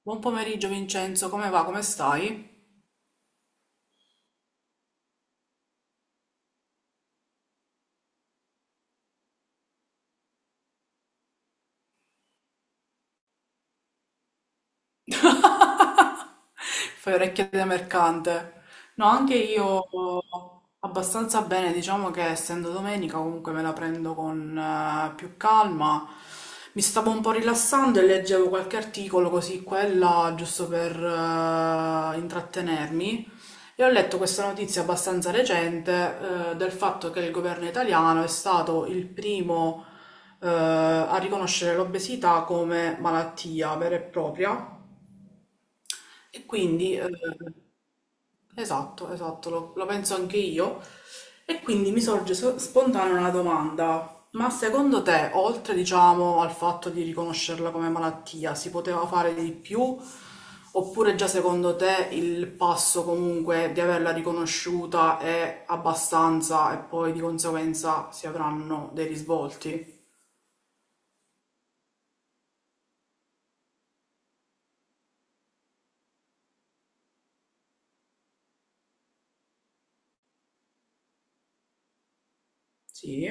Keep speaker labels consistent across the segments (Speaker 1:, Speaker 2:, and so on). Speaker 1: Buon pomeriggio Vincenzo, come va? Come stai? Fai orecchie da mercante. No, anche io abbastanza bene, diciamo che essendo domenica comunque me la prendo con più calma. Mi stavo un po' rilassando e leggevo qualche articolo così quella, giusto per intrattenermi. E ho letto questa notizia abbastanza recente, del fatto che il governo italiano è stato il primo a riconoscere l'obesità come malattia vera e propria e quindi, esatto, esatto, lo penso anche io. E quindi mi sorge spontanea una domanda. Ma secondo te, oltre, diciamo, al fatto di riconoscerla come malattia, si poteva fare di più? Oppure già secondo te il passo comunque di averla riconosciuta è abbastanza e poi di conseguenza si avranno dei risvolti? Sì.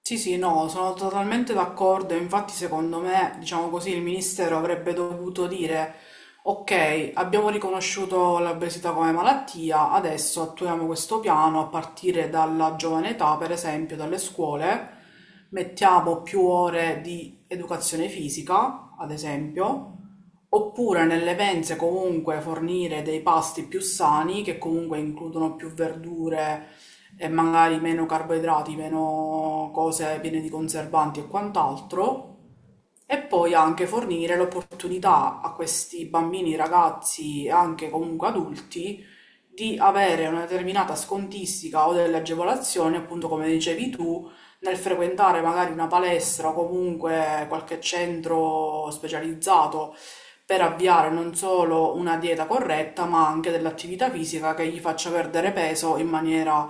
Speaker 1: Sì, sì, no, sono totalmente d'accordo. Infatti, secondo me, diciamo così, il ministero avrebbe dovuto dire: ok, abbiamo riconosciuto l'obesità come malattia, adesso attuiamo questo piano a partire dalla giovane età, per esempio, dalle scuole. Mettiamo più ore di educazione fisica, ad esempio, oppure nelle mense comunque fornire dei pasti più sani che comunque includono più verdure e magari meno carboidrati, meno cose piene di conservanti e quant'altro. E poi anche fornire l'opportunità a questi bambini, ragazzi e anche comunque adulti di avere una determinata scontistica o delle agevolazioni, appunto come dicevi tu, nel frequentare magari una palestra o comunque qualche centro specializzato per avviare non solo una dieta corretta, ma anche dell'attività fisica che gli faccia perdere peso in maniera,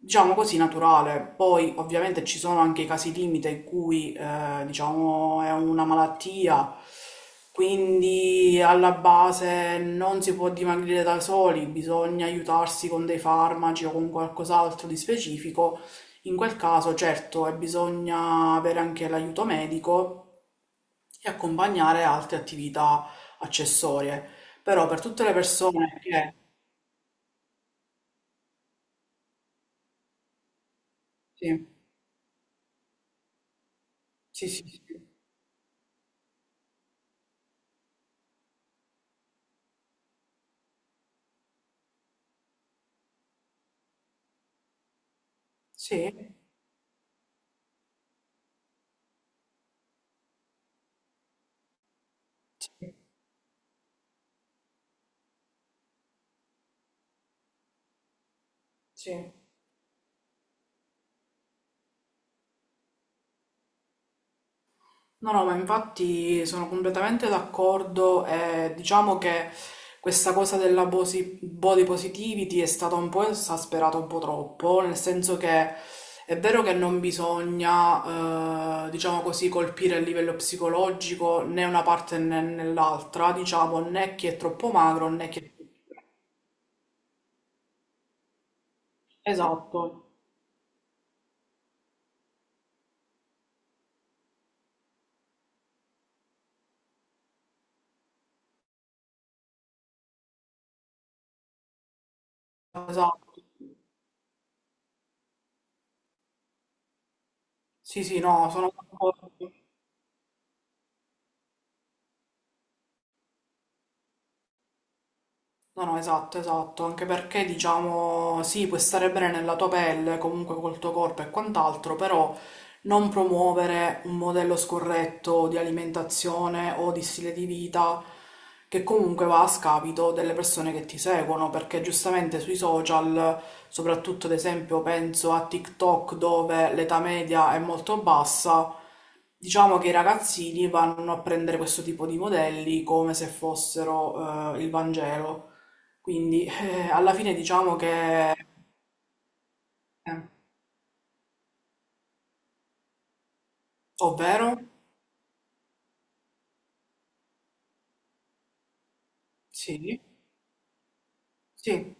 Speaker 1: diciamo così, naturale. Poi ovviamente ci sono anche i casi limite in cui, diciamo, è una malattia, quindi alla base non si può dimagrire da soli, bisogna aiutarsi con dei farmaci o con qualcos'altro di specifico. In quel caso, certo, e bisogna avere anche l'aiuto medico e accompagnare altre attività accessorie. Però per tutte le persone che... Sì, sì, sì, sì, sì, sì, sì. No, no, ma infatti sono completamente d'accordo e diciamo che questa cosa della body positivity è stata un po' esasperata un po' troppo, nel senso che è vero che non bisogna, diciamo così, colpire a livello psicologico né una parte né nell'altra, diciamo, né chi è troppo magro né chi è troppo... Esatto, esatto. Sì, sì, no, sono d'accordo. No, no, esatto, esatto, anche perché diciamo sì, puoi stare bene nella tua pelle, comunque col tuo corpo e quant'altro, però non promuovere un modello scorretto di alimentazione o di stile di vita che comunque va a scapito delle persone che ti seguono, perché giustamente sui social, soprattutto ad esempio penso a TikTok dove l'età media è molto bassa. Diciamo che i ragazzini vanno a prendere questo tipo di modelli come se fossero il Vangelo. Quindi alla fine diciamo che, eh, ovvero, sì, sì,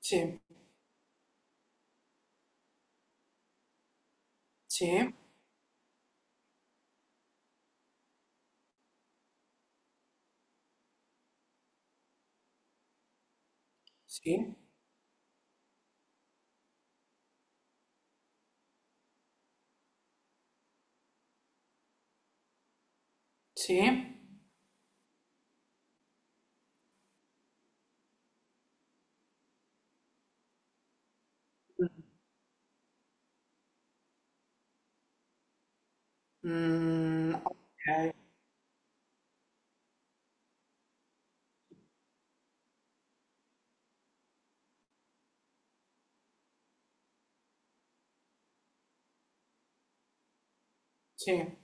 Speaker 1: sì, sì, sì, sì, mm, ok, sì,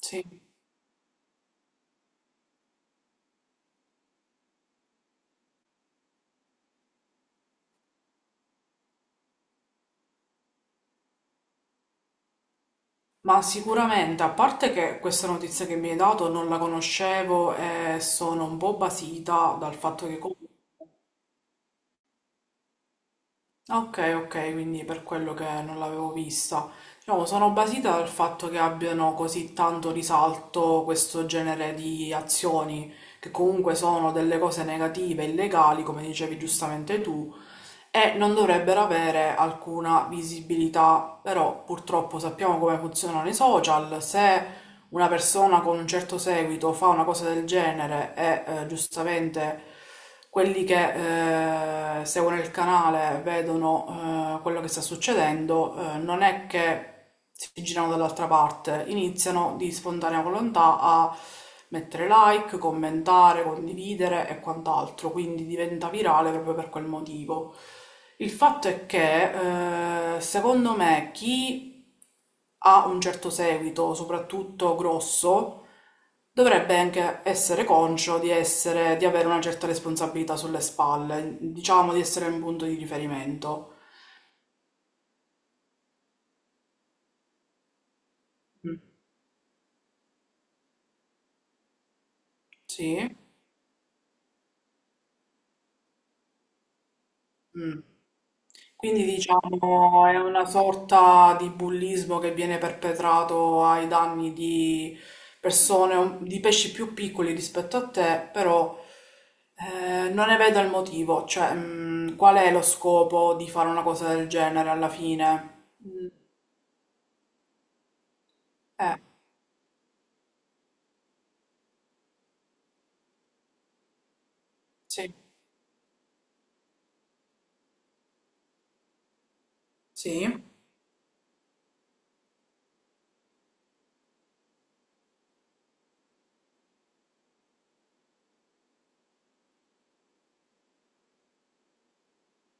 Speaker 1: sì. Ma sicuramente, a parte che questa notizia che mi hai dato non la conoscevo e sono un po' basita dal fatto che comunque ok, ok, quindi per quello che non l'avevo vista. Diciamo, sono basita dal fatto che abbiano così tanto risalto questo genere di azioni, che comunque sono delle cose negative, illegali, come dicevi giustamente tu, e non dovrebbero avere alcuna visibilità. Però purtroppo sappiamo come funzionano i social, se una persona con un certo seguito fa una cosa del genere e giustamente quelli che seguono il canale vedono quello che sta succedendo, non è che si girano dall'altra parte, iniziano di spontanea volontà a mettere like, commentare, condividere e quant'altro, quindi diventa virale proprio per quel motivo. Il fatto è che, secondo me, chi ha un certo seguito, soprattutto grosso, dovrebbe anche essere conscio di essere, di avere una certa responsabilità sulle spalle, diciamo di essere un punto di riferimento. Mm. Sì. Mm. Quindi diciamo è una sorta di bullismo che viene perpetrato ai danni di persone, di pesci più piccoli rispetto a te, però non ne vedo il motivo, cioè qual è lo scopo di fare una cosa del genere alla fine? Mm, eh, sì, sì,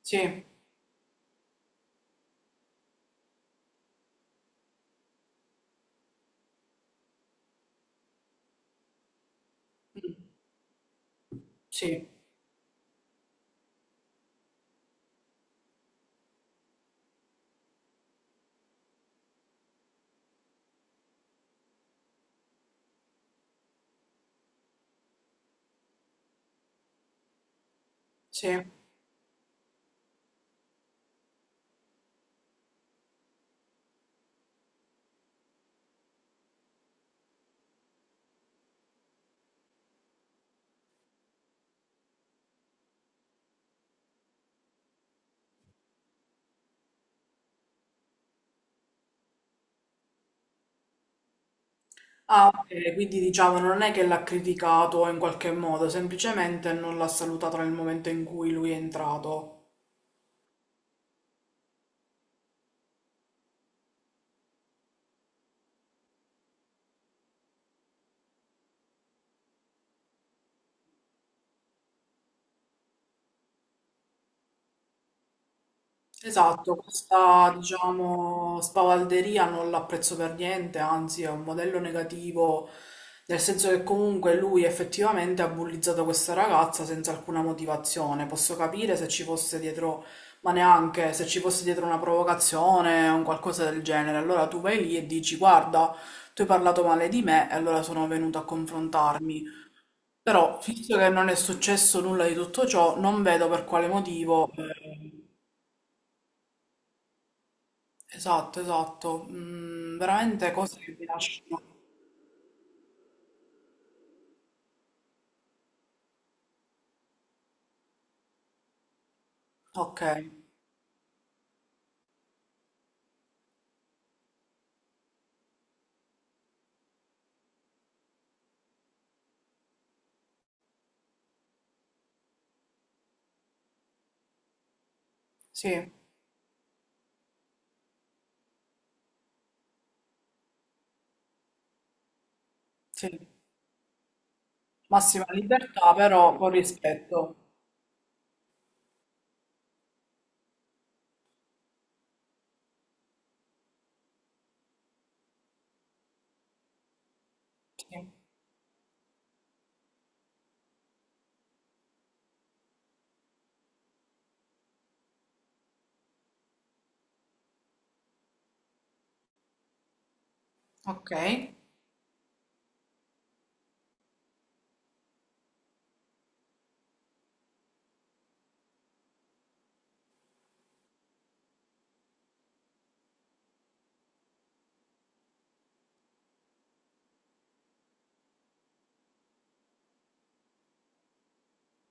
Speaker 1: sì, mm, sì, sì. Ah, ok, quindi diciamo non è che l'ha criticato in qualche modo, semplicemente non l'ha salutato nel momento in cui lui è entrato. Esatto, questa diciamo spavalderia non l'apprezzo per niente, anzi è un modello negativo, nel senso che comunque lui effettivamente ha bullizzato questa ragazza senza alcuna motivazione. Posso capire se ci fosse dietro, ma neanche se ci fosse dietro una provocazione o un qualcosa del genere. Allora tu vai lì e dici: guarda, tu hai parlato male di me e allora sono venuto a confrontarmi. Però, visto che non è successo nulla di tutto ciò, non vedo per quale motivo. Esatto, esatto. Mm, veramente cose che vi lasciano. Ok, sì, sì. Massima libertà, però con rispetto. Sì. Ok.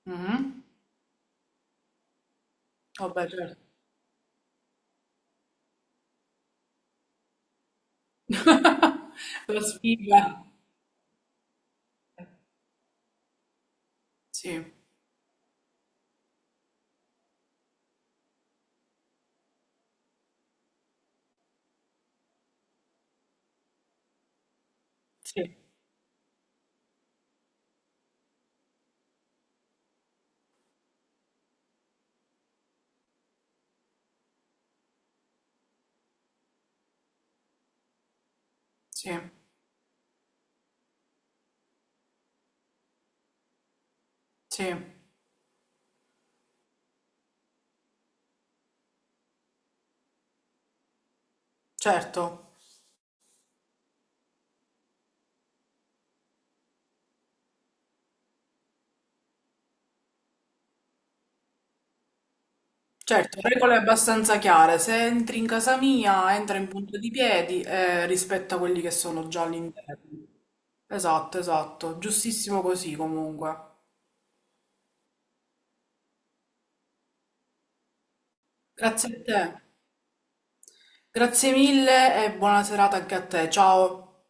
Speaker 1: Mhm. Vabbè, certo. La sfiga. Sì, sì, sì, sì. Certo. Certo, regole abbastanza chiare. Se entri in casa mia, entra in punta di piedi e rispetta quelli che sono già all'interno. Esatto, esatto. Giustissimo così comunque. Grazie a te, grazie mille e buona serata anche a te, ciao.